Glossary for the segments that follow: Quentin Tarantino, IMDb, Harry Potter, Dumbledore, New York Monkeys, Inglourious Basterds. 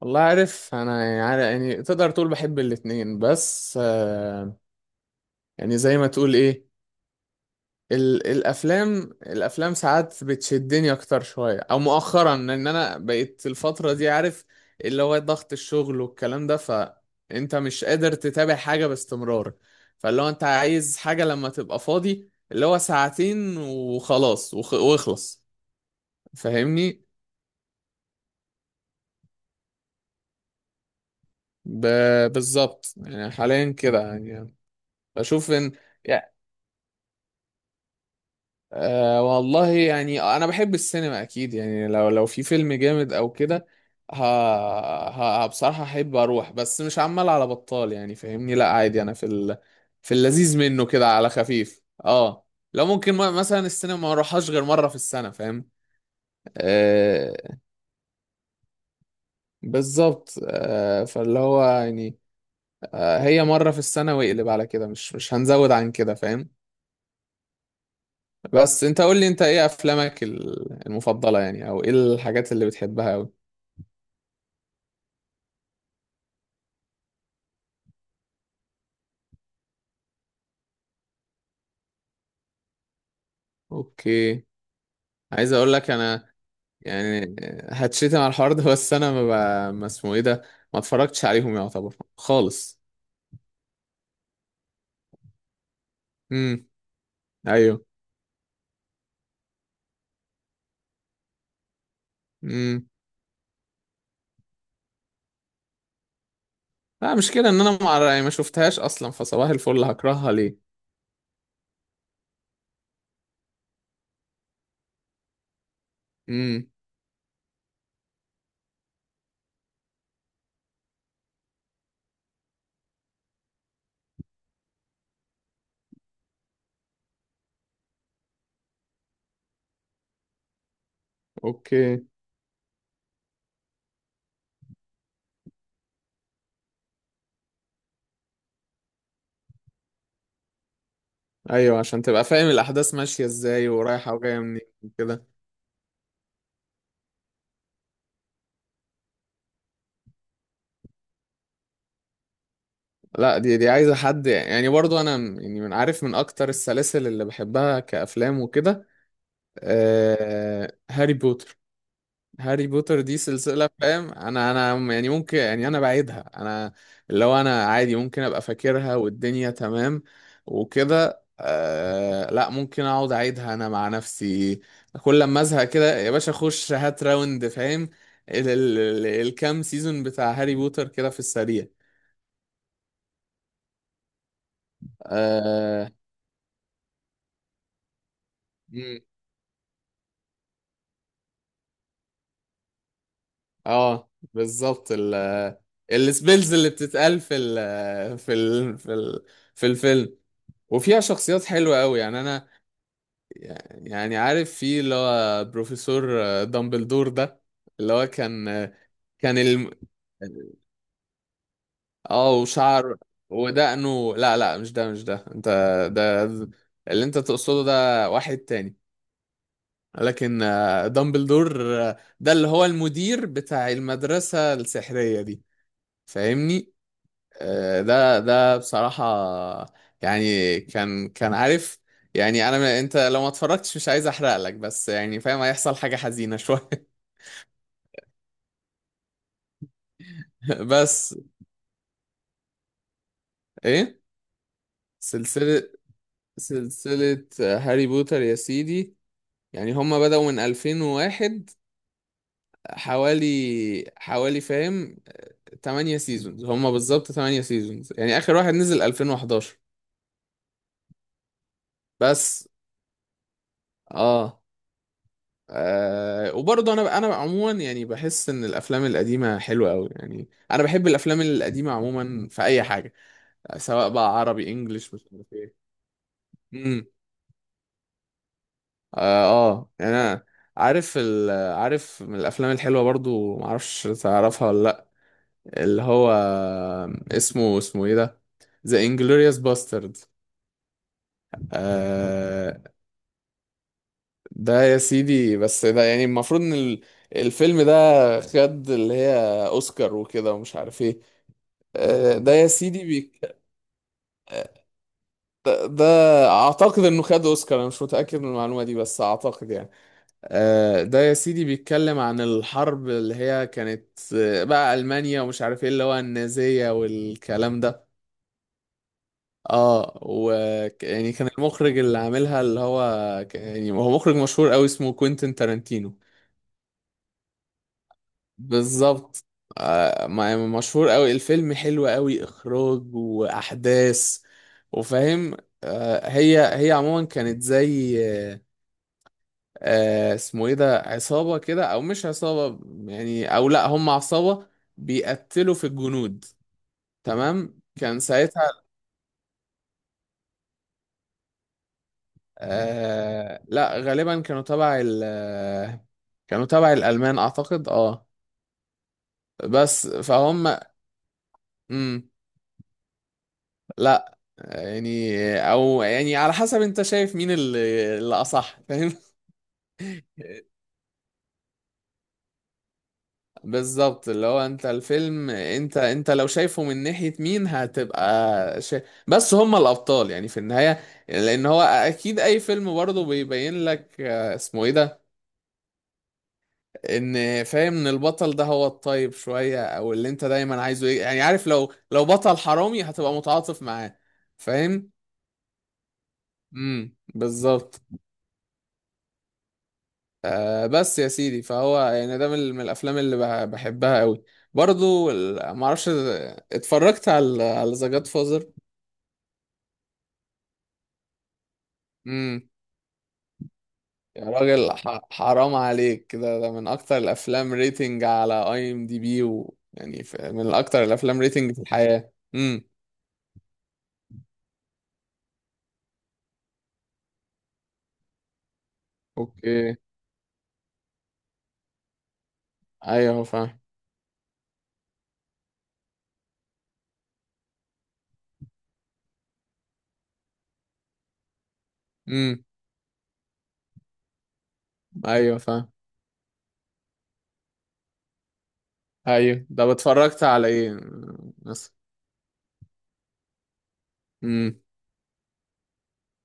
والله عارف انا يعني تقدر تقول بحب الاتنين بس يعني زي ما تقول ايه الافلام ساعات بتشدني اكتر شوية او مؤخرا لان انا بقيت الفترة دي عارف اللي هو ضغط الشغل والكلام ده. فانت مش قادر تتابع حاجة باستمرار. فاللي هو انت عايز حاجة لما تبقى فاضي اللي هو ساعتين وخلاص واخلص فاهمني. بالظبط يعني حاليا كده يعني بشوف ان أه والله يعني انا بحب السينما اكيد يعني لو في فيلم جامد او كده. ه... بصراحة احب اروح بس مش عمال على بطال يعني فاهمني. لا عادي انا في اللذيذ منه كده على خفيف اه. لو ممكن مثلا السينما ما اروحهاش غير مرة في السنة فاهم. أه بالظبط أه فاللي هو يعني أه هي مرة في السنة واقلب على كده، مش هنزود عن كده فاهم. بس انت قول لي انت ايه افلامك المفضلة يعني او ايه الحاجات اللي بتحبها أوي. اوكي عايز اقول لك انا يعني هتشتم على الحوار ده بس انا ما, ب... ما اسمه ايه ده، ما اتفرجتش عليهم يعتبر خالص. امم. ايوه. امم. لا مشكلة ان انا ما أعرف- يعني ما شفتهاش اصلا، فصباح الفل هكرهها ليه. امم. اوكي. ايوه عشان تبقى فاهم الاحداث ماشية ازاي ورايحة وجاية منين وكده. لا دي عايزة حد يعني. برضو يعني من عارف من اكتر السلاسل اللي بحبها كافلام وكده هاري بوتر. هاري بوتر دي سلسلة فاهم. انا يعني ممكن يعني انا بعيدها انا، اللي هو انا عادي ممكن ابقى فاكرها والدنيا تمام وكده آه. لا ممكن اقعد اعيدها انا مع نفسي كل لما ازهق كده يا باشا اخش هات راوند فاهم، ال الكام سيزون بتاع هاري بوتر كده في السريع. اه. مم. بالظبط السبيلز اللي بتتقال في ال في الفيلم، وفيها شخصيات حلوة قوي يعني انا يعني عارف في اللي هو بروفيسور دامبلدور ده اللي هو كان كان الم... اه وشعر ودقنه. لا لا مش ده، مش ده انت، ده اللي انت تقصده ده واحد تاني. لكن دامبلدور ده اللي هو المدير بتاع المدرسة السحرية دي فاهمني. ده ده بصراحة يعني كان عارف يعني انا انت لو ما اتفرجتش مش عايز احرق لك بس يعني فاهم هيحصل حاجة حزينة شوية. بس ايه؟ سلسلة، سلسلة هاري بوتر يا سيدي يعني هما بدأوا من 2001 حوالي، حوالي فاهم 8 سيزونز هما بالظبط. 8 سيزونز يعني آخر واحد نزل 2011. بس اه, آه. وبرضه انا انا عموما يعني بحس ان الافلام القديمة حلوة قوي. يعني انا بحب الافلام القديمة عموما في اي حاجة، سواء بقى عربي انجليش مش عارف ايه. اه يعني انا عارف عارف من الافلام الحلوه برضو معرفش تعرفها ولا لا، اللي هو اسمه ايه ده، ذا انجلوريوس باسترد آه. ده يا سيدي بس ده يعني المفروض ان الفيلم ده خد اللي هي اوسكار وكده ومش عارف ايه. آه ده يا سيدي آه، ده اعتقد انه خد اوسكار. انا مش متاكد من المعلومه دي بس اعتقد يعني ده يا سيدي بيتكلم عن الحرب اللي هي كانت بقى ألمانيا ومش عارف ايه اللي هو النازية والكلام ده. اه و يعني كان المخرج اللي عاملها اللي هو يعني هو مخرج مشهور قوي اسمه كوينتين تارانتينو. بالظبط يعني مشهور قوي. الفيلم حلو قوي إخراج وأحداث وفاهم. هي هي عموما كانت زي اسمه ايه ده عصابة كده او مش عصابة يعني. او لا هم عصابة بيقتلوا في الجنود تمام كان ساعتها. آه لا غالبا كانوا تبع ال آه، كانوا تبع الألمان اعتقد اه. بس فهم. امم. لا يعني او يعني على حسب انت شايف مين اللي اصح فاهم. بالظبط اللي هو انت الفيلم انت لو شايفه من ناحية مين هتبقى شا... بس هم الابطال يعني في النهاية، لان هو اكيد اي فيلم برضه بيبين لك اسمه ايه ده ان فاهم ان البطل ده هو الطيب شوية او اللي انت دايما عايزه ايه يعني عارف لو بطل حرامي هتبقى متعاطف معاه فاهم. بالظبط. آه بس يا سيدي فهو يعني ده من الافلام اللي بحبها قوي. برضو معرفش اتفرجت على ذا جاد. امم. يا راجل حرام عليك، ده من اكتر الافلام ريتنج على اي ام دي بي ويعني من اكتر الافلام ريتنج في الحياة. امم. اوكي. ايوه فاهم. امم. ايوه فاهم. ايوه ده اتفرجت على ايه مثلا؟ امم.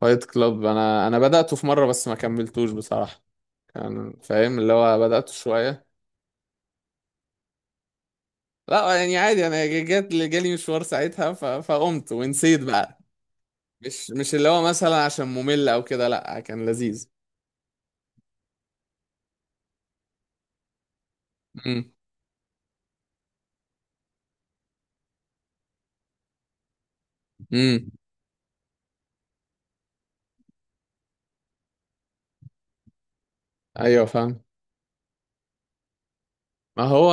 فايت كلاب، انا بدأته في مرة بس ما كملتوش بصراحة. كان فاهم اللي هو بدأته شوية. لا يعني عادي انا جات جالي مشوار ساعتها فقمت ونسيت بقى. مش اللي هو مثلا عشان ممل او كده، لا كان لذيذ. امم. امم. ايوه فاهم. ما هو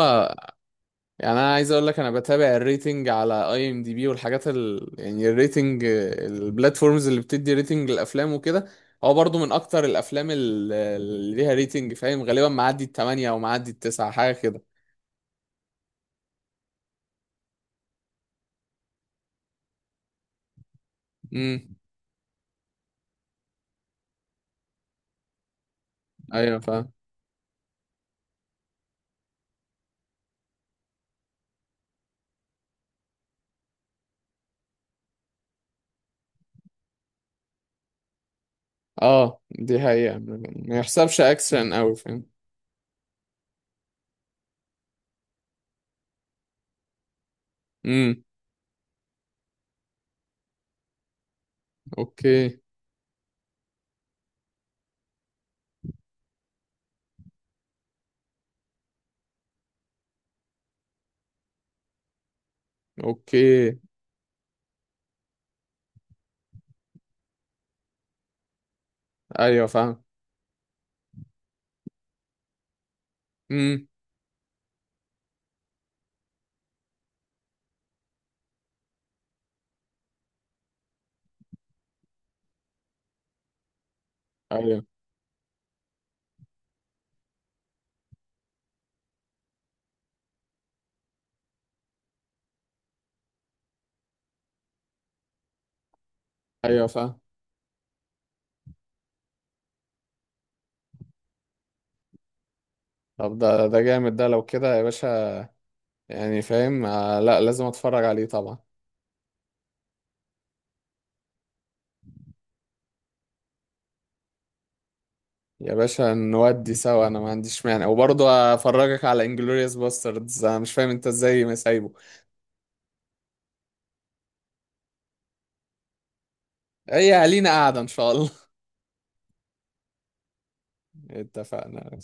يعني انا عايز اقول لك انا بتابع الريتنج على اي ام دي بي والحاجات يعني الريتنج البلاتفورمز اللي بتدي ريتنج للافلام وكده. هو برضو من اكتر الافلام اللي ليها ريتنج فاهم. غالبا معدي التمانية او معدي التسعة حاجه كده. امم. ايوه فاهم. اه دي حقيقة ما يحسبش اكشن اوي فاهم. امم. اوكي. اوكي. ايوه فاهم. امم. ايوه. ايوه فاهم. طب ده ده جامد ده لو كده يا باشا. يعني فاهم آه لا لازم اتفرج عليه طبعا. يا باشا نودي سوا انا ما عنديش مانع وبرضه افرجك على انجلوريوس باستردز. انا مش فاهم انت ازاي ما سايبه. هي لينا قاعده ان شاء الله. اتفقنا.